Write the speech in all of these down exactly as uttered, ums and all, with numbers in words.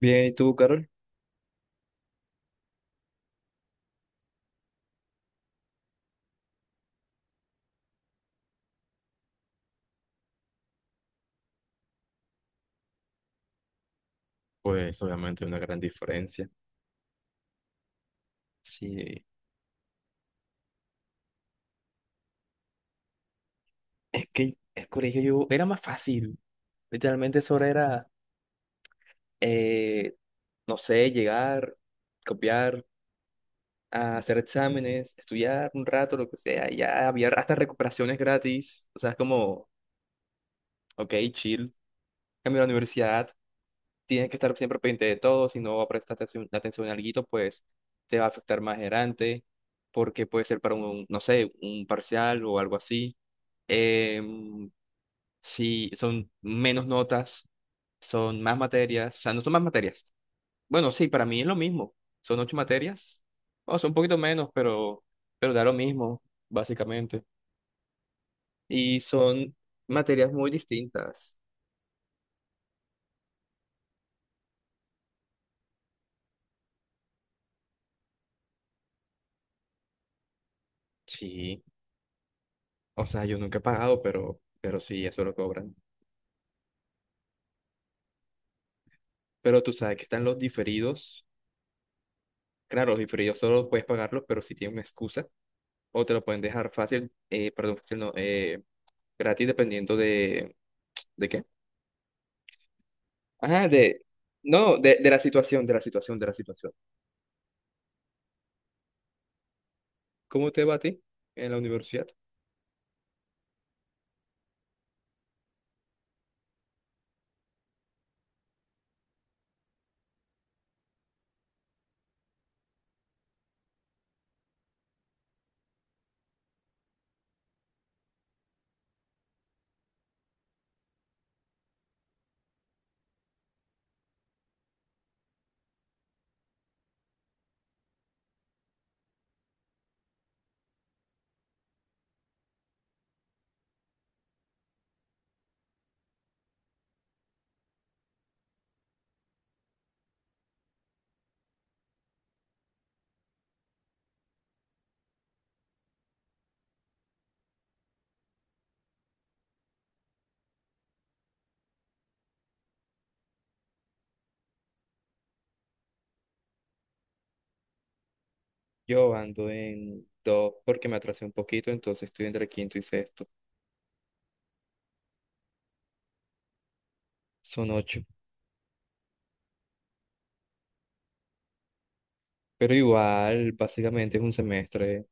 Bien, ¿y tú, Carol? Pues obviamente una gran diferencia. Sí, es que el colegio yo era más fácil. Literalmente solo era, eh, no sé, llegar, copiar, a hacer exámenes, estudiar un rato, lo que sea. y Ya había hasta recuperaciones gratis. O sea, es como, ok, chill. Cambié a la universidad. Tienes que estar siempre pendiente de todo, si no prestas atención atención a algo, pues te va a afectar más adelante, porque puede ser para un, no sé, un parcial o algo así. Em, si son menos notas, son más materias, o sea, no son más materias. Bueno, sí, para mí es lo mismo, son ocho materias, o son un poquito menos, pero, pero da lo mismo, básicamente. Y son materias muy distintas. Sí, o sea, yo nunca he pagado, pero, pero sí, eso lo cobran. Pero tú sabes que están los diferidos. Claro, los diferidos solo puedes pagarlos, pero si tienen una excusa, o te lo pueden dejar fácil, eh, perdón, fácil no, eh, gratis dependiendo de, ¿de qué? Ajá, de, no, de, de la situación, de la situación, de la situación. ¿Cómo te va a ti en la universidad? Yo ando en dos porque me atrasé un poquito, entonces estoy entre quinto y sexto. Son ocho. Pero igual, básicamente es un semestre.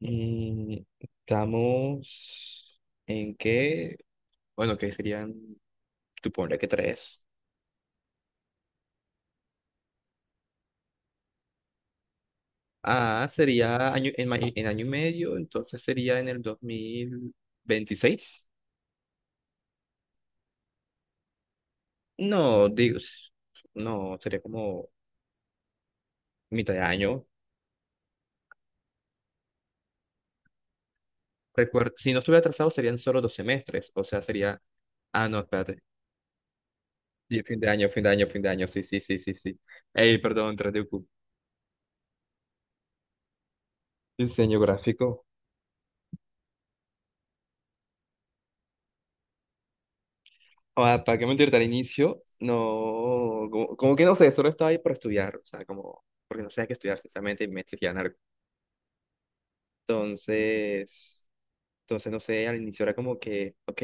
Mm, estamos en qué, bueno, que serían, tú ponle que tres. Ah, sería año, en, ma- en año y medio, entonces sería en el dos mil veintiséis. No, digo, s- no, sería como mitad de año. Recuer- si no estuviera atrasado serían solo dos semestres, o sea, sería... Ah, no, espérate. Sí, fin de año, fin de año, fin de año, sí, sí, sí, sí, sí. Ey, perdón, tres. Diseño gráfico. Ah, ¿para qué mentirte al inicio? No, como, como que no sé, solo estaba ahí por estudiar, o sea, como, porque no sabía qué estudiar, sinceramente, y me exigían algo. Entonces, entonces, no sé, al inicio era como que, ok,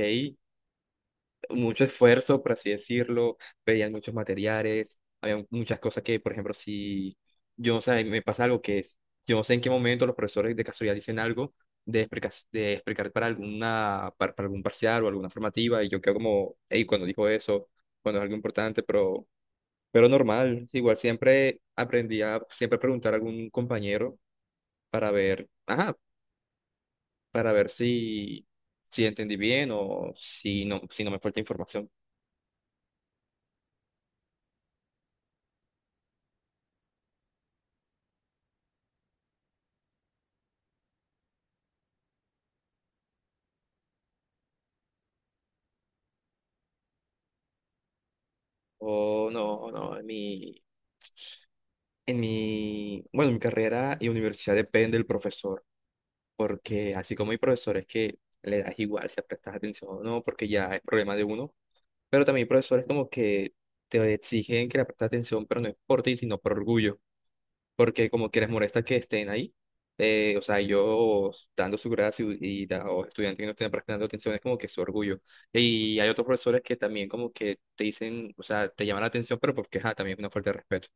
mucho esfuerzo, por así decirlo. Veían muchos materiales, había muchas cosas que, por ejemplo, si yo no sé, me pasa algo que es, yo no sé en qué momento los profesores de casualidad dicen algo de explicar, de explicar para alguna, para, para algún parcial o alguna formativa, y yo quedo como, hey, cuando dijo eso, cuando es algo importante, pero, pero normal. Igual siempre aprendí a siempre preguntar a algún compañero para ver. Ajá, para ver si, si entendí bien o si no, si no me falta información. O no, no, en mi, en mi, bueno, mi carrera y universidad depende del profesor, porque así como hay profesores que le das igual si prestas atención o no, porque ya es problema de uno, pero también hay profesores como que te exigen que le prestes atención, pero no es por ti, sino por orgullo. Porque como que les molesta que estén ahí. Eh, o sea, yo dando su gracia y, y la- o estudiantes que no estén prestando atención es como que su orgullo. Y hay otros profesores que también como que te dicen, o sea, te llaman la atención, pero porque ajá, también es una falta de respeto.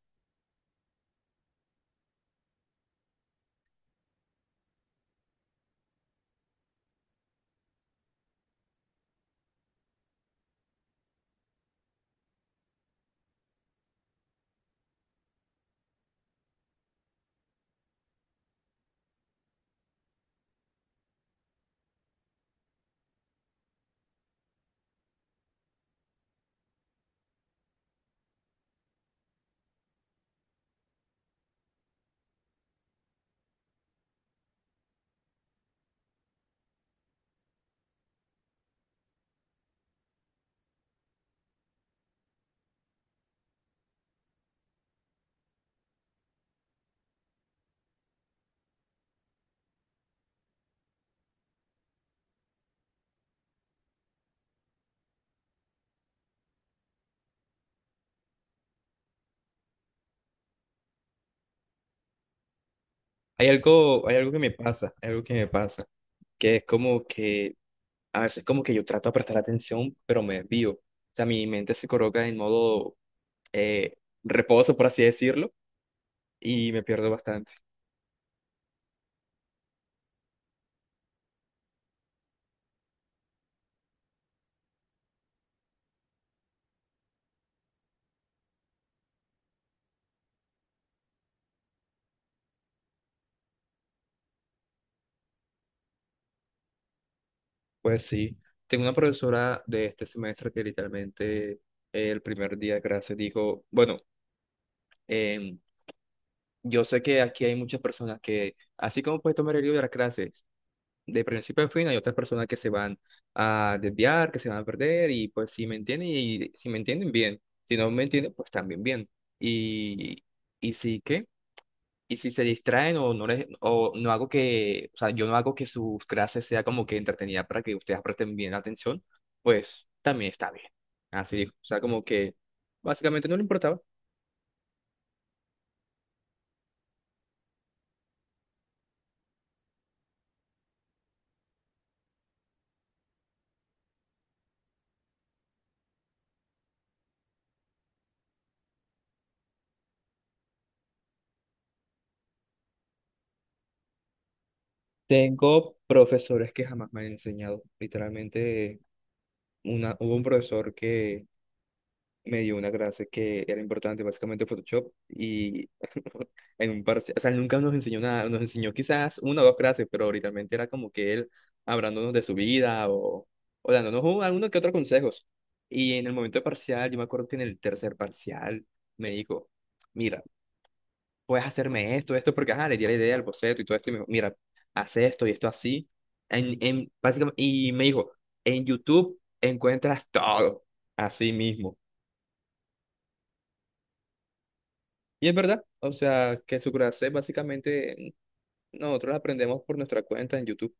Hay algo, hay algo que me pasa, hay algo que me pasa, que es como que a veces como que yo trato de prestar atención, pero me desvío. O sea, mi mente se coloca en modo eh, reposo, por así decirlo, y me pierdo bastante. Pues sí, tengo una profesora de este semestre que literalmente, eh, el primer día de clase dijo, bueno, em, yo sé que aquí hay muchas personas que, así como puedes tomar el libro de las clases, de principio a fin, hay otras personas que se van a desviar, que se van a perder, y pues si me entienden, y si me entienden bien, si no me entienden, pues también bien. Y, y sí que... Y si se distraen o no les, o no hago que, o sea, yo no hago que sus clases sea como que entretenida para que ustedes presten bien atención, pues también está bien. Así dijo. O sea, como que básicamente no le importaba. Tengo profesores que jamás me han enseñado. Literalmente, una, hubo un profesor que me dio una clase que era importante, básicamente Photoshop, y en un parcial, o sea, él nunca nos enseñó nada, nos enseñó quizás una o dos clases, pero literalmente era como que él hablándonos de su vida, o, o dándonos un- alguno que otro consejos. Y en el momento de parcial, yo me acuerdo que en el tercer parcial me dijo, mira, puedes hacerme esto, esto, porque ajá, le di la idea al boceto y todo esto, y me dijo, mira, haz esto y esto así. En, en, básicamente, y me dijo, en YouTube encuentras todo, así mismo. Y es verdad, o sea, que su clase básicamente nosotros la aprendemos por nuestra cuenta en YouTube.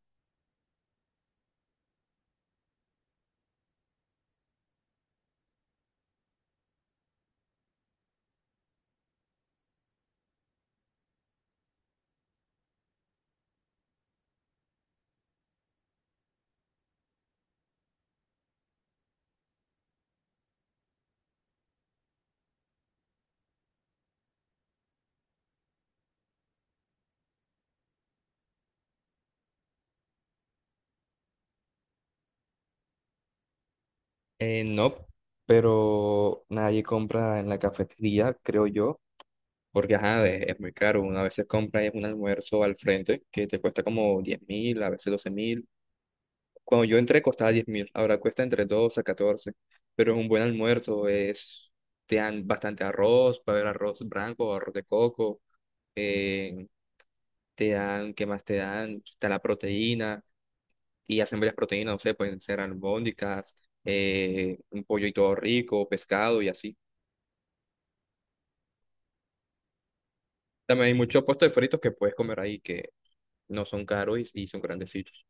Eh, no, pero nadie compra en la cafetería, creo yo, porque ajá, es, es muy caro. Una vez se compra es un almuerzo al frente que te cuesta como diez mil, a veces doce mil. Cuando yo entré costaba diez mil, ahora cuesta entre doce a catorce, pero es un buen almuerzo, es, te dan bastante arroz, puede haber arroz blanco, arroz de coco, eh, te dan, ¿qué más te dan? Está la proteína y hacen varias proteínas, no sé, pueden ser albóndigas, eh, un pollo y todo rico, pescado y así. También hay muchos puestos de fritos que puedes comer ahí que no son caros y, y son grandecitos.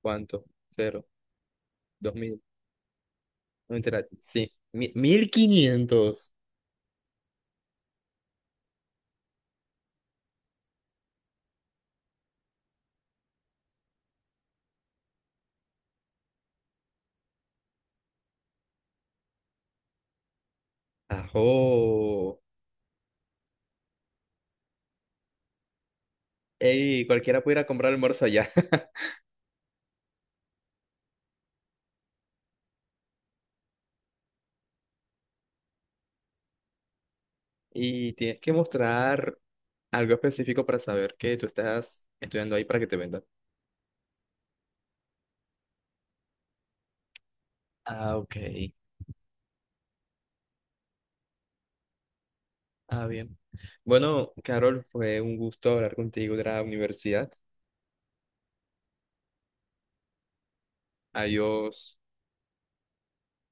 ¿Cuánto? Cero, dos mil, no mentira, sí, mi- mil quinientos. Ajo. Ey, cualquiera puede ir a comprar almuerzo allá. Y tienes que mostrar algo específico para saber que tú estás estudiando ahí para que te vendan. Ah, ok. Ah, bien. Bueno, Carol, fue un gusto hablar contigo de la universidad. Adiós.